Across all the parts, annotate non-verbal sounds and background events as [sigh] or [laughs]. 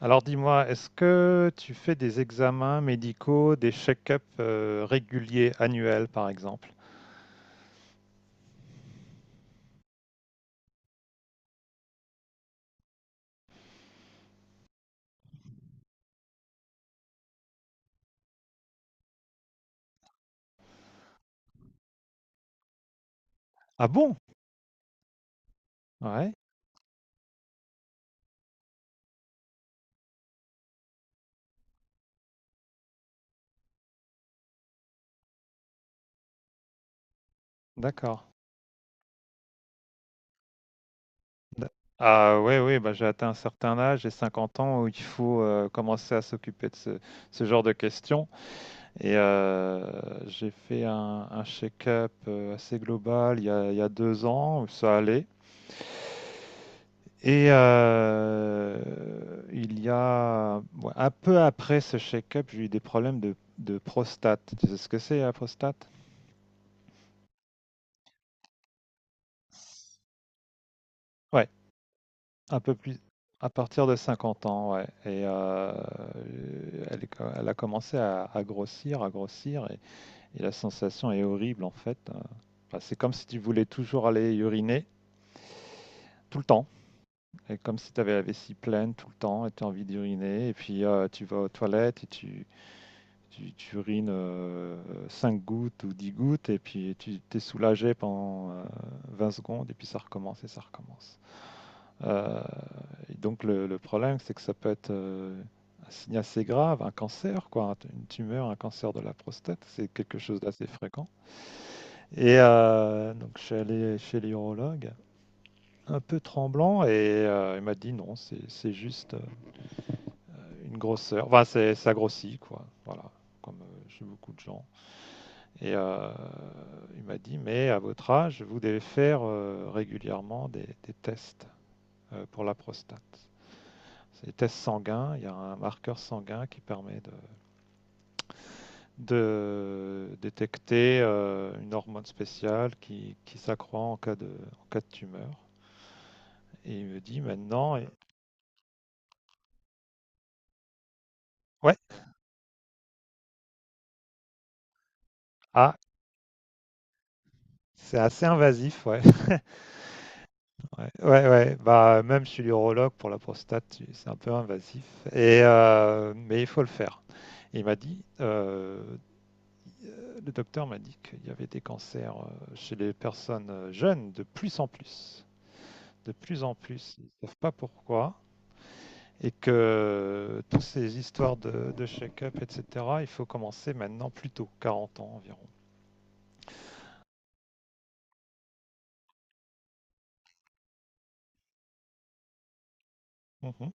Alors dis-moi, est-ce que tu fais des examens médicaux, des check-ups réguliers, annuels par exemple? Ah bon? Ouais, d'accord. D'a- Ah ouais, oui, bah, j'ai atteint un certain âge, j'ai 50 ans, où il faut commencer à s'occuper de ce genre de questions. Et j'ai fait un check-up assez global il y a deux ans, où ça allait. Et il y a ouais, un peu après ce check-up, j'ai eu des problèmes de prostate. Tu sais ce que c'est la prostate? Ouais, un peu plus à partir de 50 ans, ouais. Et elle a commencé à grossir, à grossir, et la sensation est horrible en fait. Enfin, c'est comme si tu voulais toujours aller uriner tout le temps, et comme si tu avais la vessie pleine tout le temps, et tu as envie d'uriner, et puis tu vas aux toilettes, et tu urines 5 gouttes ou 10 gouttes et puis tu t'es soulagé pendant 20 secondes et puis ça recommence et ça recommence. Euh, et donc le problème, c'est que ça peut être un signe assez grave, un cancer, quoi, une tumeur, un cancer de la prostate, c'est quelque chose d'assez fréquent. Et donc je suis allé chez l'urologue un peu tremblant et il m'a dit non, c'est juste une grosseur. Enfin, c'est ça grossit, quoi. Voilà, comme chez beaucoup de gens. Et il m'a dit, mais à votre âge, vous devez faire régulièrement des tests pour la prostate. C'est des tests sanguins, il y a un marqueur sanguin qui permet de détecter une hormone spéciale qui s'accroît en cas de tumeur. Et il me dit maintenant, ouais, ah, c'est assez invasif, ouais. [laughs] Ouais, ouais, ouais. Bah, même chez l'urologue pour la prostate, c'est un peu invasif. Et mais il faut le faire. Il m'a dit, le docteur m'a dit qu'il y avait des cancers chez les personnes jeunes de plus en plus. De plus en plus, ils ne savent pas pourquoi. Et que toutes ces histoires de check-up, etc., il faut commencer maintenant plus tôt, 40 ans environ. Mhm.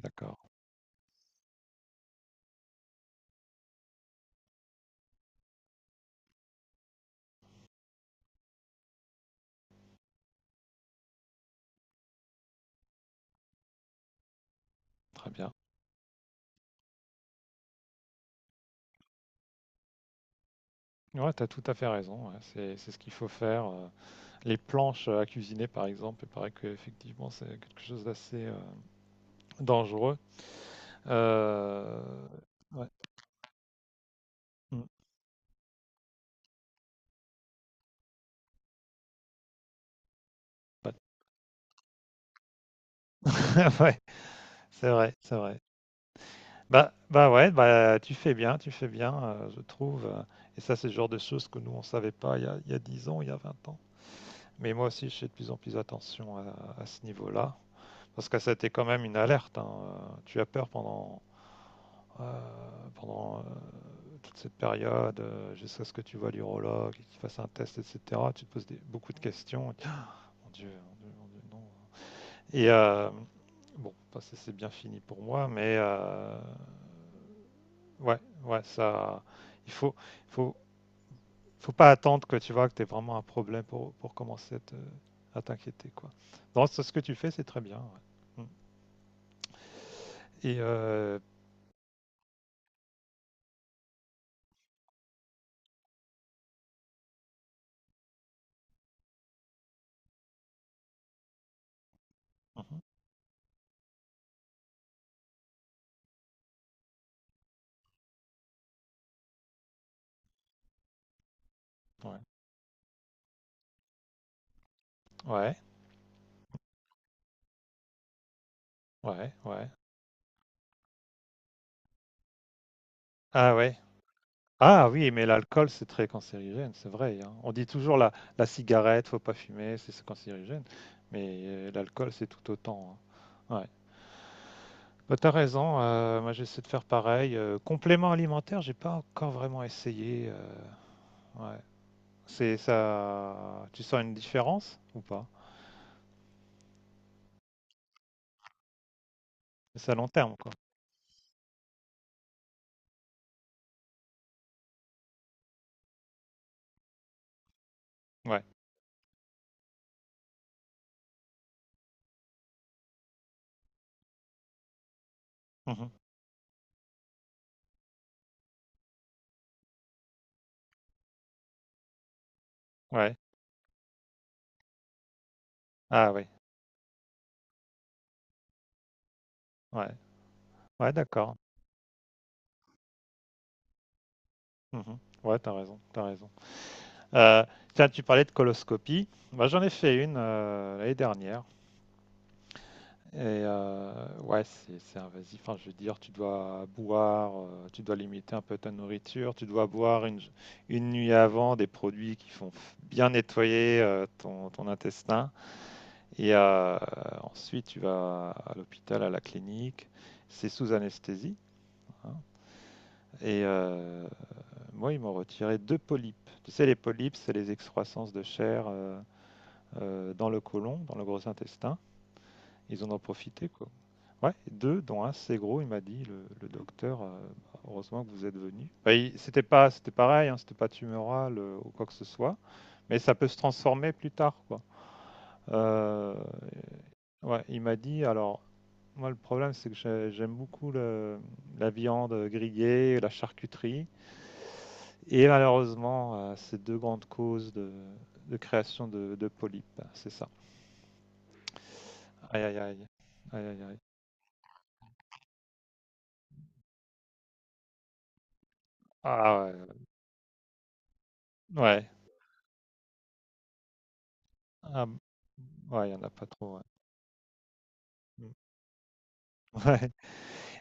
D'accord, très bien. Ouais, tu as tout à fait raison, ouais. C'est ce qu'il faut faire. Les planches à cuisiner, par exemple, il paraît qu'effectivement, c'est quelque chose d'assez dangereux. Euh, ouais, mm, ouais. [laughs] Ouais, c'est vrai, c'est vrai. Bah, ouais, bah, tu fais bien, je trouve. Et ça, c'est le genre de choses que nous, on savait pas il y a 10 ans, il y a 20 ans. Mais moi aussi, je fais de plus en plus attention à ce niveau-là. Parce que ça a été quand même une alerte, hein. Tu as peur pendant toute cette période, jusqu'à ce que tu vois l'urologue, et qu'il fasse un test, etc. Tu te poses beaucoup de questions. Et mon Dieu, mon Dieu, mon Dieu, non. Et bon, bah, c'est bien fini pour moi. Ouais, ouais, ça, il faut, faut pas attendre que tu vois que tu vraiment un problème pour commencer à à t'inquiéter, quoi. Non, ce que tu fais, c'est très bien, ouais. Mm. Et mhm, ouais, ouais, ouais, ouais. Ah ouais. Ah oui, mais l'alcool, c'est très cancérigène, c'est vrai, hein. On dit toujours la cigarette, faut pas fumer, c'est cancérigène. Mais l'alcool, c'est tout autant, hein. Ouais. Bah, t'as raison, moi j'essaie de faire pareil. Complément alimentaire, j'ai pas encore vraiment essayé. Ouais. C'est ça. Tu sens une différence ou pas? C'est à long terme, quoi. Ouais. Mmh. Ouais. Ah oui. Ouais. Ouais, d'accord. Mmh. Ouais, t'as raison, t'as raison. Heu, tiens, tu parlais de coloscopie. Moi, j'en ai fait une, l'année dernière et ouais, c'est invasif. Enfin, je veux dire, tu dois boire, tu dois limiter un peu ta nourriture, tu dois boire une nuit avant des produits qui font bien nettoyer, ton intestin. Et ensuite, tu vas à l'hôpital, à la clinique. C'est sous anesthésie, hein. Et moi, ils m'ont retiré deux polypes. Tu sais, les polypes, c'est les excroissances de chair dans le côlon, dans le gros intestin. Ils en ont profité, quoi. Ouais, deux, dont un c'est gros, il m'a dit, le docteur, bah, heureusement que vous êtes venu. Bah, c'était pas, c'était pareil, hein, c'était pas tumoral ou quoi que ce soit, mais ça peut se transformer plus tard, quoi. Euh, ouais, il m'a dit, alors, moi, le problème, c'est que j'aime beaucoup la viande grillée, la charcuterie, et malheureusement, ces deux grandes causes de création de polypes, c'est ça. Aïe, aïe, aïe. Aïe, aïe, aïe. Ah ouais, ouais. Ah, ouais, il n'y en a pas trop, ouais. Mm. [laughs] Ouais.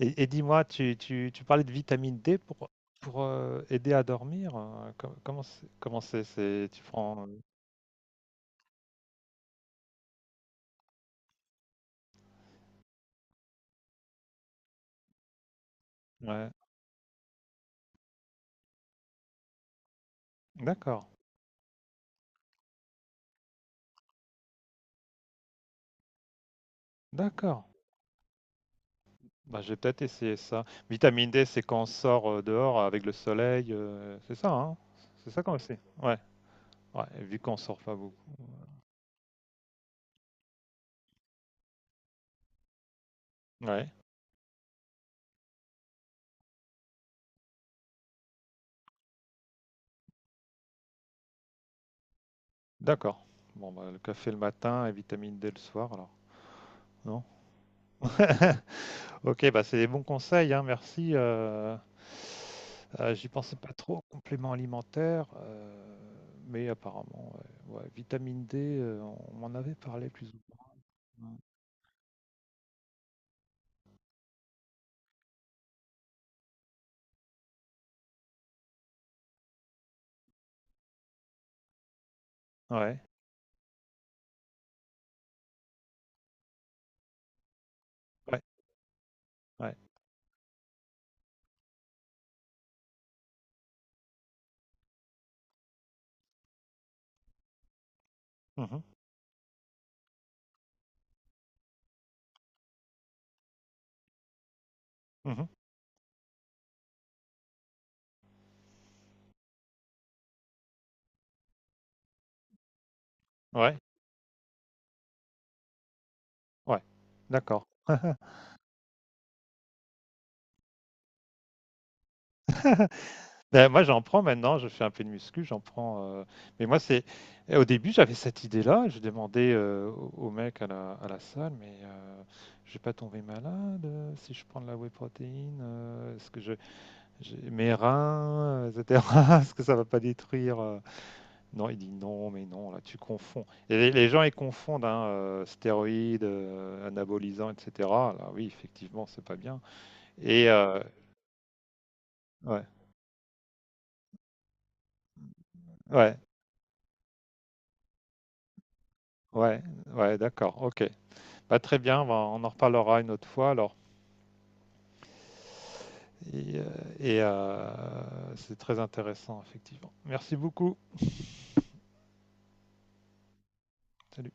Et dis-moi, tu parlais de vitamine D pour aider à dormir. Comment c'est, tu prends. Ouais, d'accord, d'accord. Bah, j'ai peut-être essayé ça. Vitamine D, c'est quand on sort dehors avec le soleil, c'est ça, hein? C'est ça qu'on sait. Ouais, ouais, et vu qu'on sort pas beaucoup. Ouais, d'accord. Bon, bah, le café le matin et vitamine D le soir, alors. Non? [laughs] Ok, bah, c'est des bons conseils, hein, merci. J'y pensais pas trop, compléments alimentaires, mais apparemment, ouais, ouais, vitamine D, on m'en avait parlé plus ou moins. Ouais, ouais, ouais. Mhm, mhm. Ouais, ouais, d'accord. [laughs] Ben, moi, j'en prends maintenant, je fais un peu de muscu, j'en prends. Mais moi, c'est. Au début, j'avais cette idée-là, je demandais au mec à la salle, mais je vais pas tomber malade si je prends de la whey protéine, est-ce que je. Mes reins, etc. [laughs] Est-ce que ça va pas détruire? Non, il dit non, mais non, là, tu confonds. Et les gens, ils confondent, hein, stéroïdes, anabolisants, etc. Là, oui, effectivement, c'est pas bien. Et ouais, ouais. Ouais, ouais, d'accord, ok. Bah, très bien, bah, on en reparlera une autre fois alors. Et, euh, et, c'est très intéressant, effectivement. Merci beaucoup. Salut.